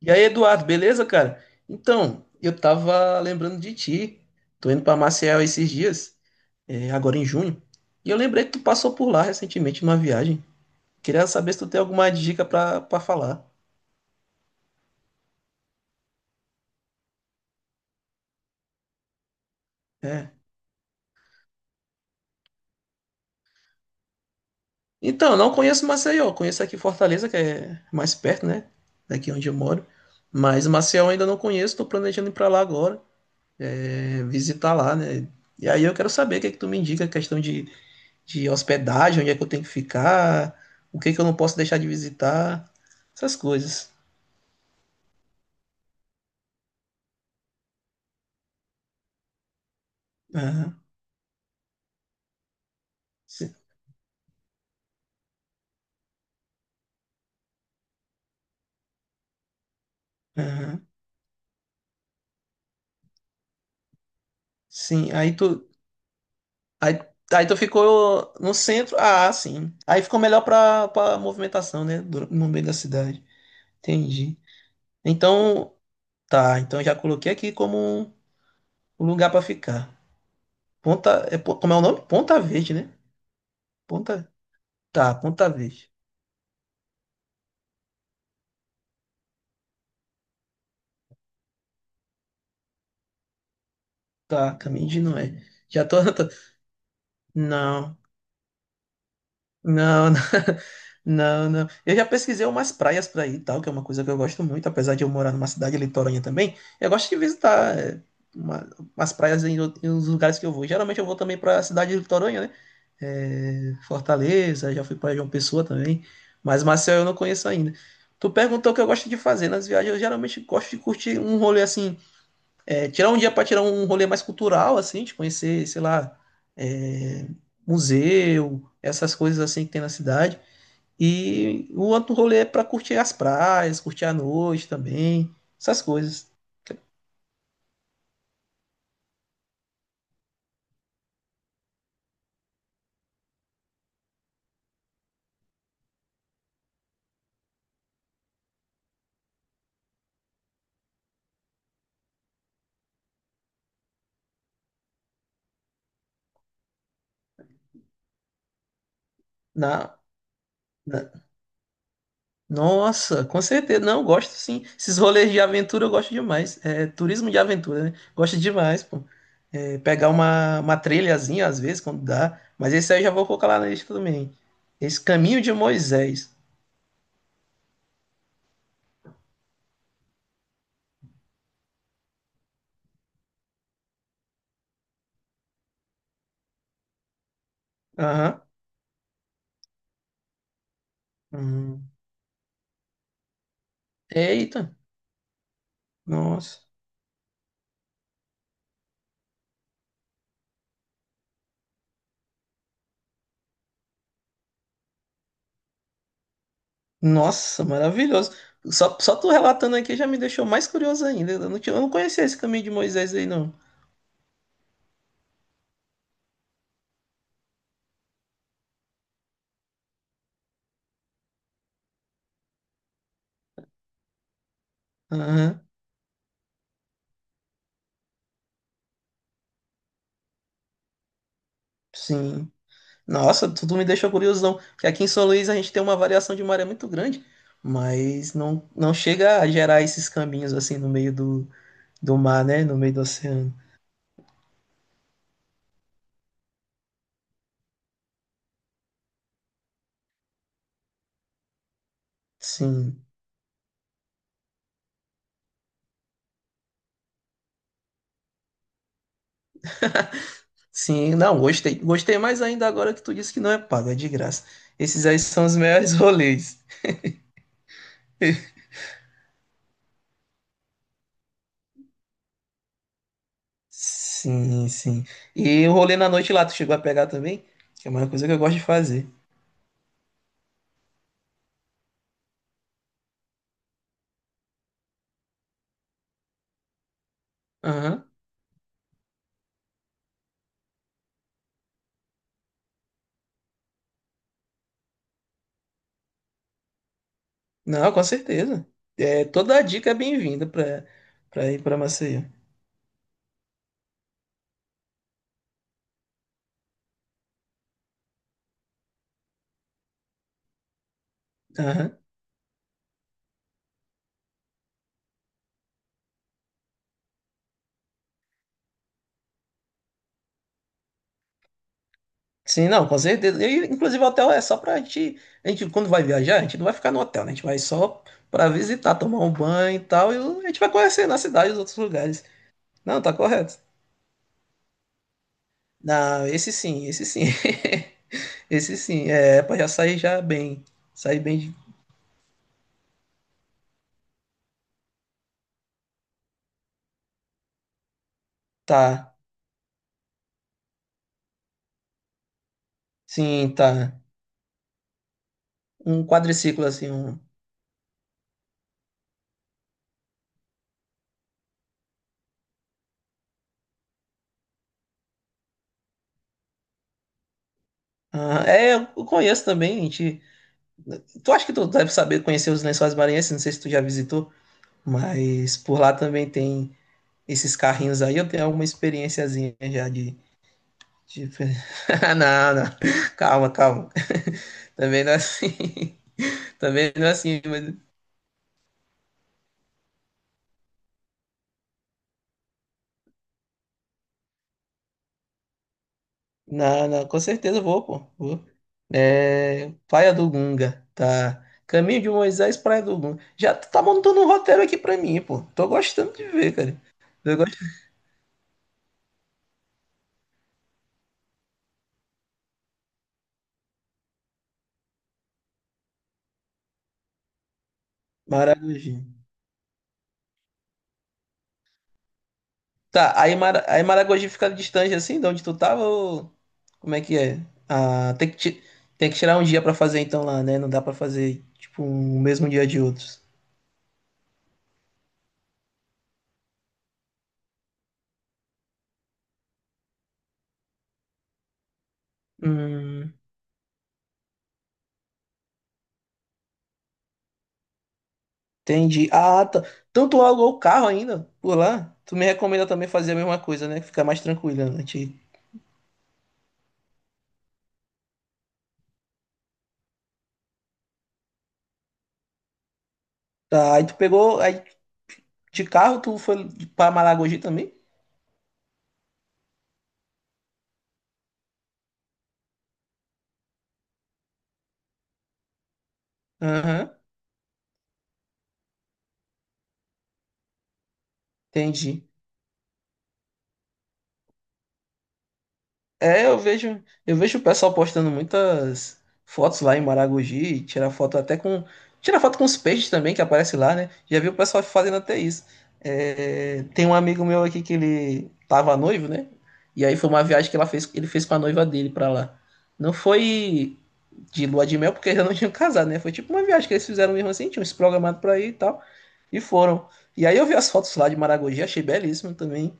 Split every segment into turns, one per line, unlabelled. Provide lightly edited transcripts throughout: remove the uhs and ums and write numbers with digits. E aí, Eduardo, beleza, cara? Então, eu tava lembrando de ti. Tô indo pra Maceió esses dias, é, agora em junho. E eu lembrei que tu passou por lá recentemente numa viagem. Queria saber se tu tem alguma dica pra falar. É. Então, não conheço Maceió, conheço aqui Fortaleza, que é mais perto, né? Daqui onde eu moro. Mas Maceió ainda não conheço, tô planejando ir pra lá agora, é, visitar lá, né? E aí eu quero saber o que é que tu me indica, questão de hospedagem, onde é que eu tenho que ficar, o que é que eu não posso deixar de visitar, essas coisas. Aham. Sim, aham. Sim, aí, aí tu ficou no centro, ah, sim. Aí ficou melhor pra movimentação, né, no meio da cidade. Entendi. Então, tá, então já coloquei aqui como um um lugar pra ficar. Ponta, é, como é o nome? Ponta Verde, né? Ponta, tá, Ponta Verde. Tá, Caminho de Noé. Já tô, não, não, Não, não. Eu já pesquisei umas praias para ir e tal, que é uma coisa que eu gosto muito, apesar de eu morar numa cidade litorânea também. Eu gosto de visitar é, uma- umas praias em, em uns lugares que eu vou. Geralmente eu vou também para cidade litorânea, né? É, Fortaleza, já fui para João Pessoa também, mas Maceió eu não conheço ainda. Tu perguntou o que eu gosto de fazer nas viagens. Eu geralmente gosto de curtir um rolê assim, é, tirar um dia para tirar um rolê mais cultural, assim, de conhecer, sei lá, é, museu, essas coisas assim que tem na cidade. E o outro rolê é para curtir as praias, curtir a noite também, essas coisas. Na, na- Nossa, com certeza. Não, gosto sim. Esses rolês de aventura eu gosto demais. É, turismo de aventura, né? Gosto demais, pô. É, pegar uma trilhazinha às vezes, quando dá. Mas esse aí eu já vou colocar lá na lista também. Esse Caminho de Moisés. Aham. Hum. Eita, nossa. Nossa, maravilhoso. Só tu relatando aqui já me deixou mais curioso ainda. Eu não conhecia esse caminho de Moisés aí, não. Aham, sim. Nossa, tu me deixou curiosão. Porque aqui em São Luís a gente tem uma variação de maré muito grande, mas não chega a gerar esses caminhos assim no meio do mar, né? No meio do oceano. Sim, sim. Não, gostei. Gostei mais ainda agora que tu disse que não é pago, é de graça. Esses aí são os melhores rolês. Sim, sim. E o rolê na noite lá, tu chegou a pegar também? Que é uma coisa que eu gosto de fazer. Aham. Não, com certeza. É, toda a dica é bem-vinda pra ir pra Maceió. Aham. Sim, não, com certeza. E, inclusive, o hotel é só pra gente, a gente. Quando vai viajar, a gente não vai ficar no hotel, né? A gente vai só pra visitar, tomar um banho e tal. E a gente vai conhecer na cidade os outros lugares. Não, tá correto. Não, esse sim, esse sim. Esse sim. É, pra já sair já bem. Sair bem de. Tá. Sim, tá. Um quadriciclo, assim. Um... Ah, é, eu conheço também. Tu acha que tu deve saber conhecer os Lençóis Maranhenses? Não sei se tu já visitou, mas por lá também tem esses carrinhos aí. Eu tenho alguma experiênciazinha já de. De... Não, não. Calma, calma. Também não é assim. Também não é assim. Mas... Não, não. Com certeza eu vou, pô. Vou. É, Praia do Gunga, tá? Caminho de Moisés, Praia do Gunga. Já tu tá montando um roteiro aqui pra mim, pô. Tô gostando de ver, cara. Eu gosto. Maragogi. Aí Maragogi fica distante assim, de onde tu tava, ou como é que é? Ah, tem que tirar um dia pra fazer então lá, né? Não dá pra fazer, tipo, um mesmo dia de outros. Hum, entendi. Ah, tá. Então tu alugou o carro ainda por lá? Tu me recomenda também fazer a mesma coisa, né? Ficar mais tranquilo, né? Tá, aí tu pegou. Aí? De carro, tu foi para Malagogi também? Aham, entendi. É, eu vejo, eu vejo o pessoal postando muitas fotos lá em Maragogi, tirar foto com os peixes também que aparece lá, né? Já vi o pessoal fazendo até isso. É, tem um amigo meu aqui que ele tava noivo, né? E aí foi uma viagem ele fez com a noiva dele pra lá. Não foi de lua de mel porque ainda não tinham casado, né? Foi tipo uma viagem que eles fizeram mesmo assim, tinham se programado pra ir e tal, e foram. E aí eu vi as fotos lá de Maragogi, achei belíssimo também.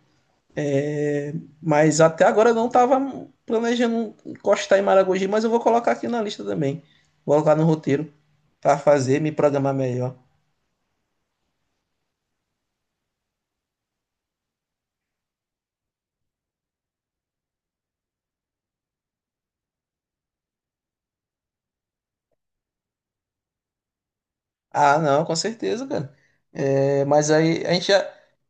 Mas até agora eu não estava planejando encostar em Maragogi, mas eu vou colocar aqui na lista também. Vou colocar no roteiro para fazer, me programar melhor. Ah, não, com certeza, cara. É, mas aí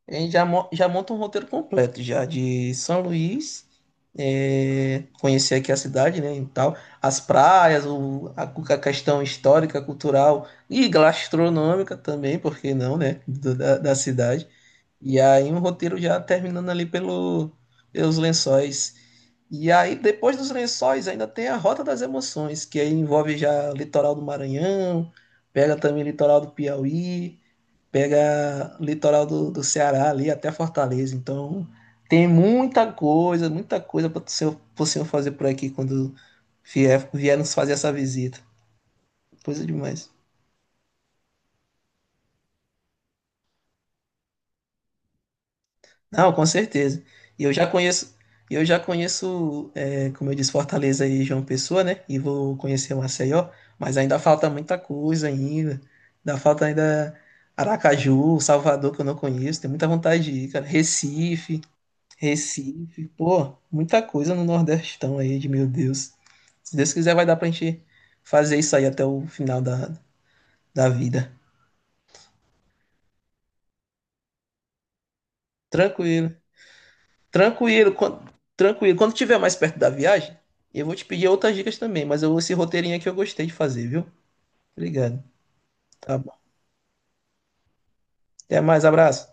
a gente já, já monta um roteiro completo já de São Luís, é, conhecer aqui a cidade, né, e tal, as praias, a questão histórica, cultural e gastronômica também, por que não, né, da cidade. E aí um roteiro já terminando ali pelos lençóis. E aí, depois dos lençóis, ainda tem a Rota das Emoções, que aí envolve já o litoral do Maranhão, pega também o litoral do Piauí, pega o litoral do Ceará ali até Fortaleza. Então, tem muita coisa pro senhor fazer por aqui quando vier nos fazer essa visita. Coisa demais. Não, com certeza. E eu já conheço, e eu já conheço, é, como eu disse, Fortaleza e João Pessoa, né? E vou conhecer o Maceió, mas ainda falta muita coisa ainda. Ainda falta ainda Aracaju, Salvador, que eu não conheço. Tem muita vontade de ir, cara. Recife, pô, muita coisa no Nordestão aí, de meu Deus. Se Deus quiser, vai dar pra gente fazer isso aí até o final da vida. Tranquilo. Tranquilo, quan- Tranquilo. Quando tiver mais perto da viagem, eu vou te pedir outras dicas também, mas eu, esse roteirinho aqui eu gostei de fazer, viu? Obrigado. Tá bom. Até mais, abraço.